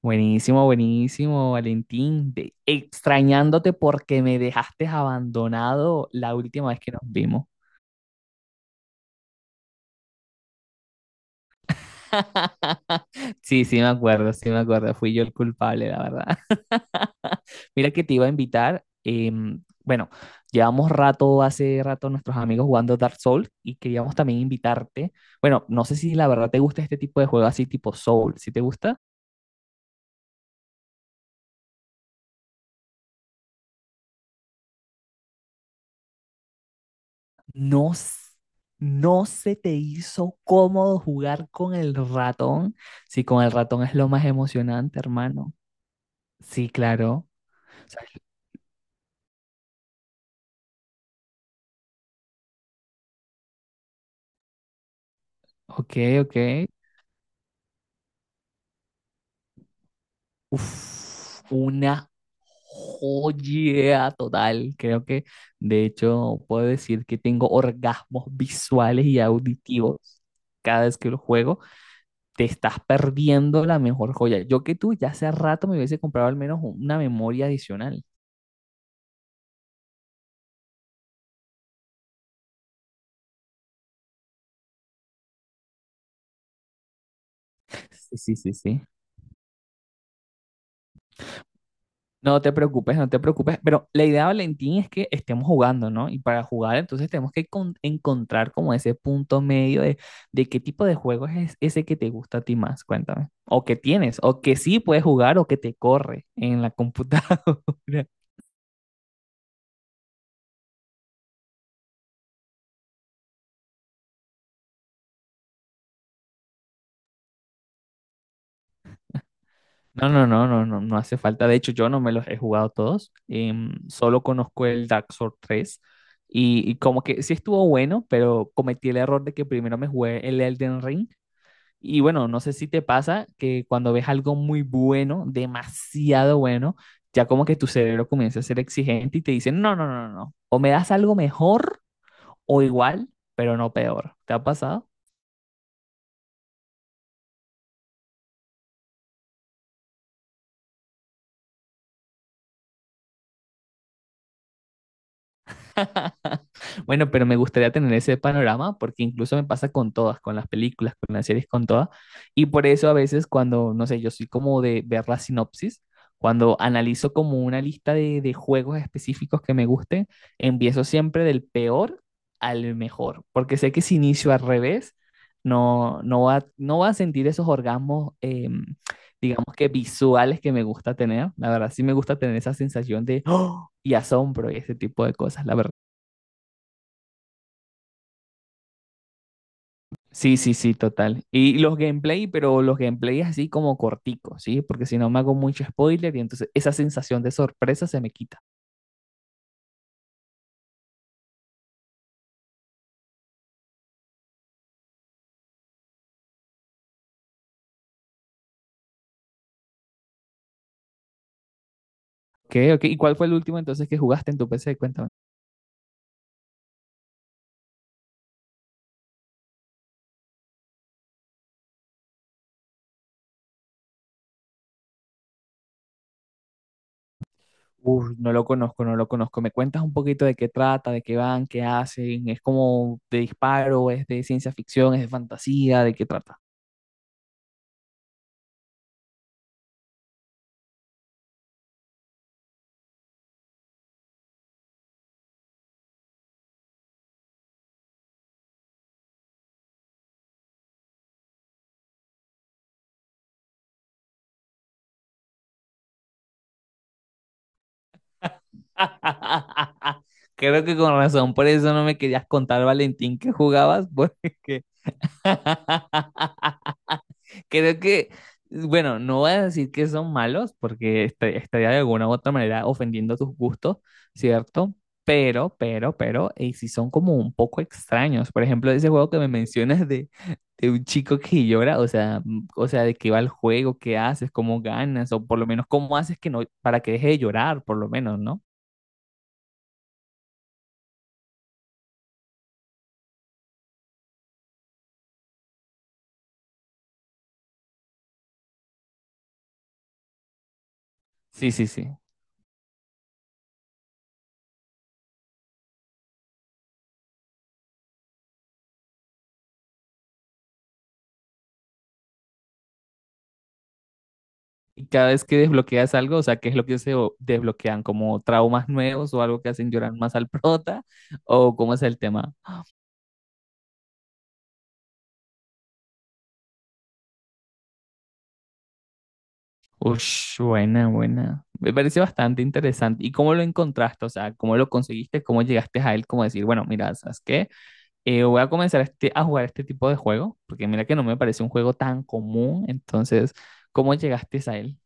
Buenísimo, buenísimo, Valentín. Extrañándote porque me dejaste abandonado la última vez que nos vimos. Sí, me acuerdo, sí, me acuerdo. Fui yo el culpable, la verdad. Mira que te iba a invitar. Bueno, hace rato, nuestros amigos jugando Dark Souls y queríamos también invitarte. Bueno, no sé si la verdad te gusta este tipo de juego así tipo Soul. ¿Si te gusta? No, s- no se te hizo cómodo jugar con el ratón. Sí, con el ratón es lo más emocionante, hermano. Sí, claro. O sea, ok, ok. Uf, una joya total. Creo que, de hecho, puedo decir que tengo orgasmos visuales y auditivos cada vez que lo juego. Te estás perdiendo la mejor joya. Yo que tú ya hace rato me hubiese comprado al menos una memoria adicional. Sí, sí, sí, sí. No te preocupes, no te preocupes. Pero la idea, Valentín, es que estemos jugando, ¿no? Y para jugar, entonces tenemos que encontrar como ese punto medio de qué tipo de juego es ese que te gusta a ti más. Cuéntame. O que tienes, o que sí puedes jugar, o que te corre en la computadora. No, no, no, no, no, no hace falta. De hecho, yo no me los he jugado todos. Solo conozco el Dark Souls tres. Y como que sí estuvo bueno, pero cometí el error de que primero me jugué el Elden Ring. Y bueno, no sé si te pasa que cuando ves algo muy bueno, demasiado bueno, ya como que tu cerebro comienza a ser exigente y te dice, no, no, no, no, no, o me das algo mejor o igual, pero no peor. ¿Te ha pasado? Bueno, pero me gustaría tener ese panorama porque incluso me pasa con todas, con las películas, con las series, con todas. Y por eso a veces cuando, no sé, yo soy como de ver la sinopsis, cuando analizo como una lista de juegos específicos que me gusten, empiezo siempre del peor al mejor, porque sé que si inicio al revés, no, no va a sentir esos orgasmos, digamos que visuales que me gusta tener. La verdad, sí me gusta tener esa sensación de ¡oh! Y asombro y ese tipo de cosas, la verdad. Sí, sí, sí, total. Y los gameplay, pero los gameplays así como corticos, ¿sí? Porque si no me hago mucho spoiler y entonces esa sensación de sorpresa se me quita. Ok, ok. ¿Y cuál fue el último entonces que jugaste en tu PC? Cuéntame. Uf, no lo conozco, no lo conozco. ¿Me cuentas un poquito de qué trata, de qué van, qué hacen? ¿Es como de disparo, es de ciencia ficción, es de fantasía, de qué trata? Creo que con razón, por eso no me querías contar, Valentín, que jugabas, porque... Creo que, bueno, no voy a decir que son malos, porque estaría de alguna u otra manera ofendiendo tus gustos, ¿cierto? Pero, y si son como un poco extraños. Por ejemplo, ese juego que me mencionas de un chico que llora, o sea, o sea, de qué va el juego, qué haces, cómo ganas, o por lo menos cómo haces que no, para que deje de llorar, por lo menos, ¿no? Sí, sí, sí. Y cada vez que desbloqueas algo, o sea, ¿qué es lo que se desbloquean? ¿Como traumas nuevos o algo que hacen llorar más al prota? ¿O cómo es el tema? Ush, buena, buena. Me parece bastante interesante. ¿Y cómo lo encontraste? O sea, ¿cómo lo conseguiste? ¿Cómo llegaste a él? Como decir, bueno, mira, ¿sabes qué? Voy a comenzar este, a jugar este tipo de juego, porque mira que no me parece un juego tan común. Entonces, ¿cómo llegaste a él?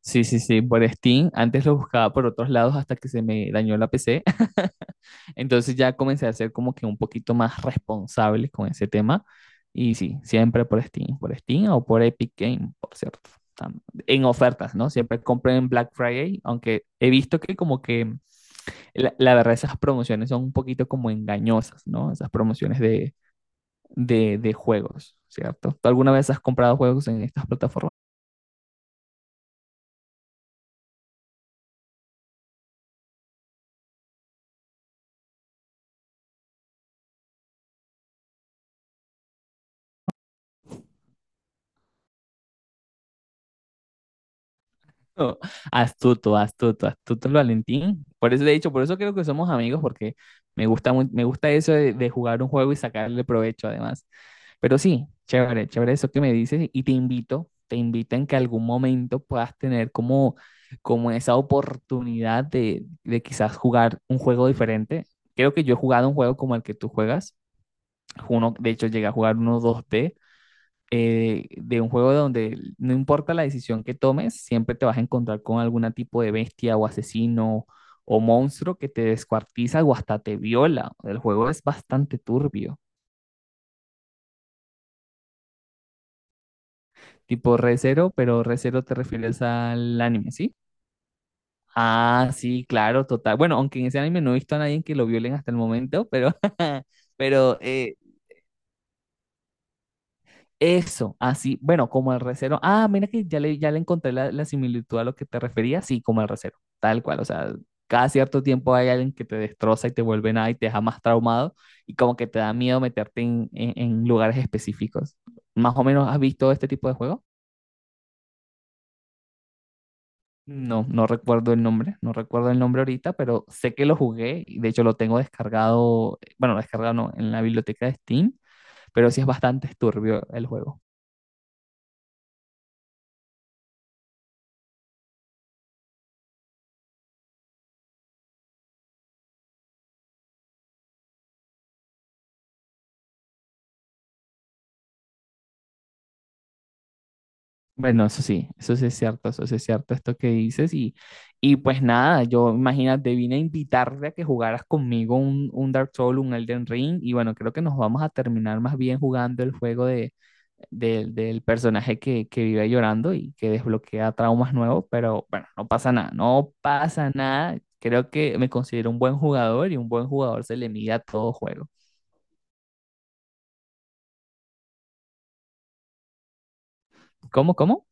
Sí, sí, sí, por Steam. Antes lo buscaba por otros lados hasta que se me dañó la PC. Entonces ya comencé a ser como que un poquito más responsable con ese tema. Y sí, siempre por Steam o por Epic Game, por cierto. tam- En ofertas, ¿no? Siempre compren en Black Friday, aunque he visto que como que la verdad esas promociones son un poquito como engañosas, ¿no? Esas promociones de juegos, ¿cierto? ¿Tú alguna vez has comprado juegos en estas plataformas? No, astuto, astuto, astuto el Valentín. Por eso, de hecho, por eso creo que somos amigos, porque me gusta, me gusta eso de jugar un juego y sacarle provecho además. Pero sí, chévere, chévere eso que me dices y te invito en que algún momento puedas tener como, como esa oportunidad de quizás jugar un juego diferente. Creo que yo he jugado un juego como el que tú juegas. Uno, de hecho, llegué a jugar uno dos d de un juego donde no importa la decisión que tomes, siempre te vas a encontrar con algún tipo de bestia o asesino o monstruo que te descuartiza o hasta te viola. El juego es bastante turbio, tipo Recero, pero Recero te refieres al anime, ¿sí? Ah, sí, claro, total. Bueno, aunque en ese anime no he visto a nadie que lo violen hasta el momento, pero, pero eso, así, bueno, como el recero. Ah, mira que ya le encontré la, la similitud a lo que te refería, sí, como el recero, tal cual, o sea, cada cierto tiempo hay alguien que te destroza y te vuelve nada y te deja más traumado y como que te da miedo meterte en, en lugares específicos. ¿Más o menos has visto este tipo de juego? No, no recuerdo el nombre, no recuerdo el nombre ahorita, pero sé que lo jugué y de hecho lo tengo descargado, bueno, descargado no, en la biblioteca de Steam, pero sí es bastante turbio el juego. Bueno, eso sí es cierto, eso sí es cierto, esto que dices. Y pues nada, yo imagínate, vine a invitarte a que jugaras conmigo un Dark Souls, un Elden Ring. Y bueno, creo que nos vamos a terminar más bien jugando el juego de, del personaje que vive llorando y que desbloquea traumas nuevos. Pero bueno, no pasa nada, no pasa nada. Creo que me considero un buen jugador y un buen jugador se le mide a todo juego. ¿Cómo, cómo?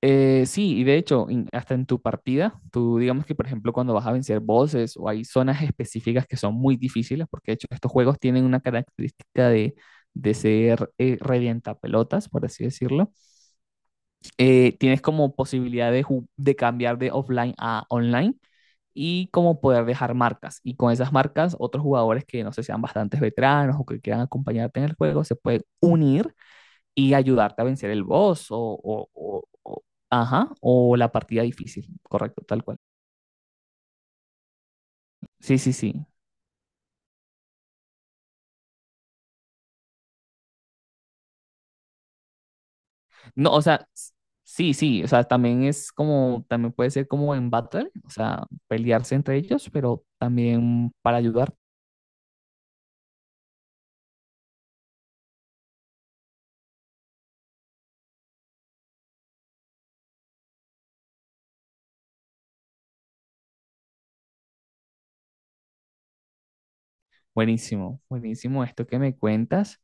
Sí, y de hecho, hasta en tu partida, tú digamos que, por ejemplo, cuando vas a vencer bosses o hay zonas específicas que son muy difíciles, porque de hecho estos juegos tienen una característica de ser revientapelotas, por así decirlo, tienes como posibilidad de, de cambiar de offline a online y como poder dejar marcas. Y con esas marcas, otros jugadores que no sé, sean bastantes veteranos o que quieran acompañarte en el juego, se pueden unir y ayudarte a vencer el boss o ajá, o la partida difícil, correcto, tal cual. Sí, sí, sí. No, o sea, sí, sí, o sea, también es como, también puede ser como en battle, o sea, pelearse entre ellos, pero también para ayudar. Buenísimo, buenísimo esto que me cuentas.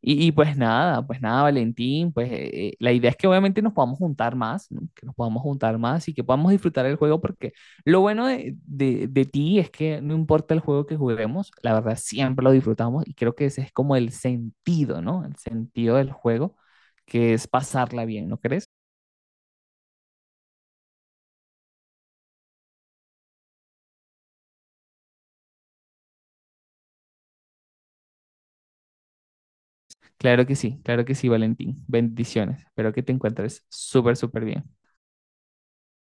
Y pues nada, Valentín, pues la idea es que obviamente nos podamos juntar más, ¿no? Que nos podamos juntar más y que podamos disfrutar el juego porque lo bueno de, de ti es que no importa el juego que juguemos, la verdad siempre lo disfrutamos y creo que ese es como el sentido, ¿no? El sentido del juego, que es pasarla bien, ¿no crees? Claro que sí, Valentín. Bendiciones. Espero que te encuentres súper, súper bien.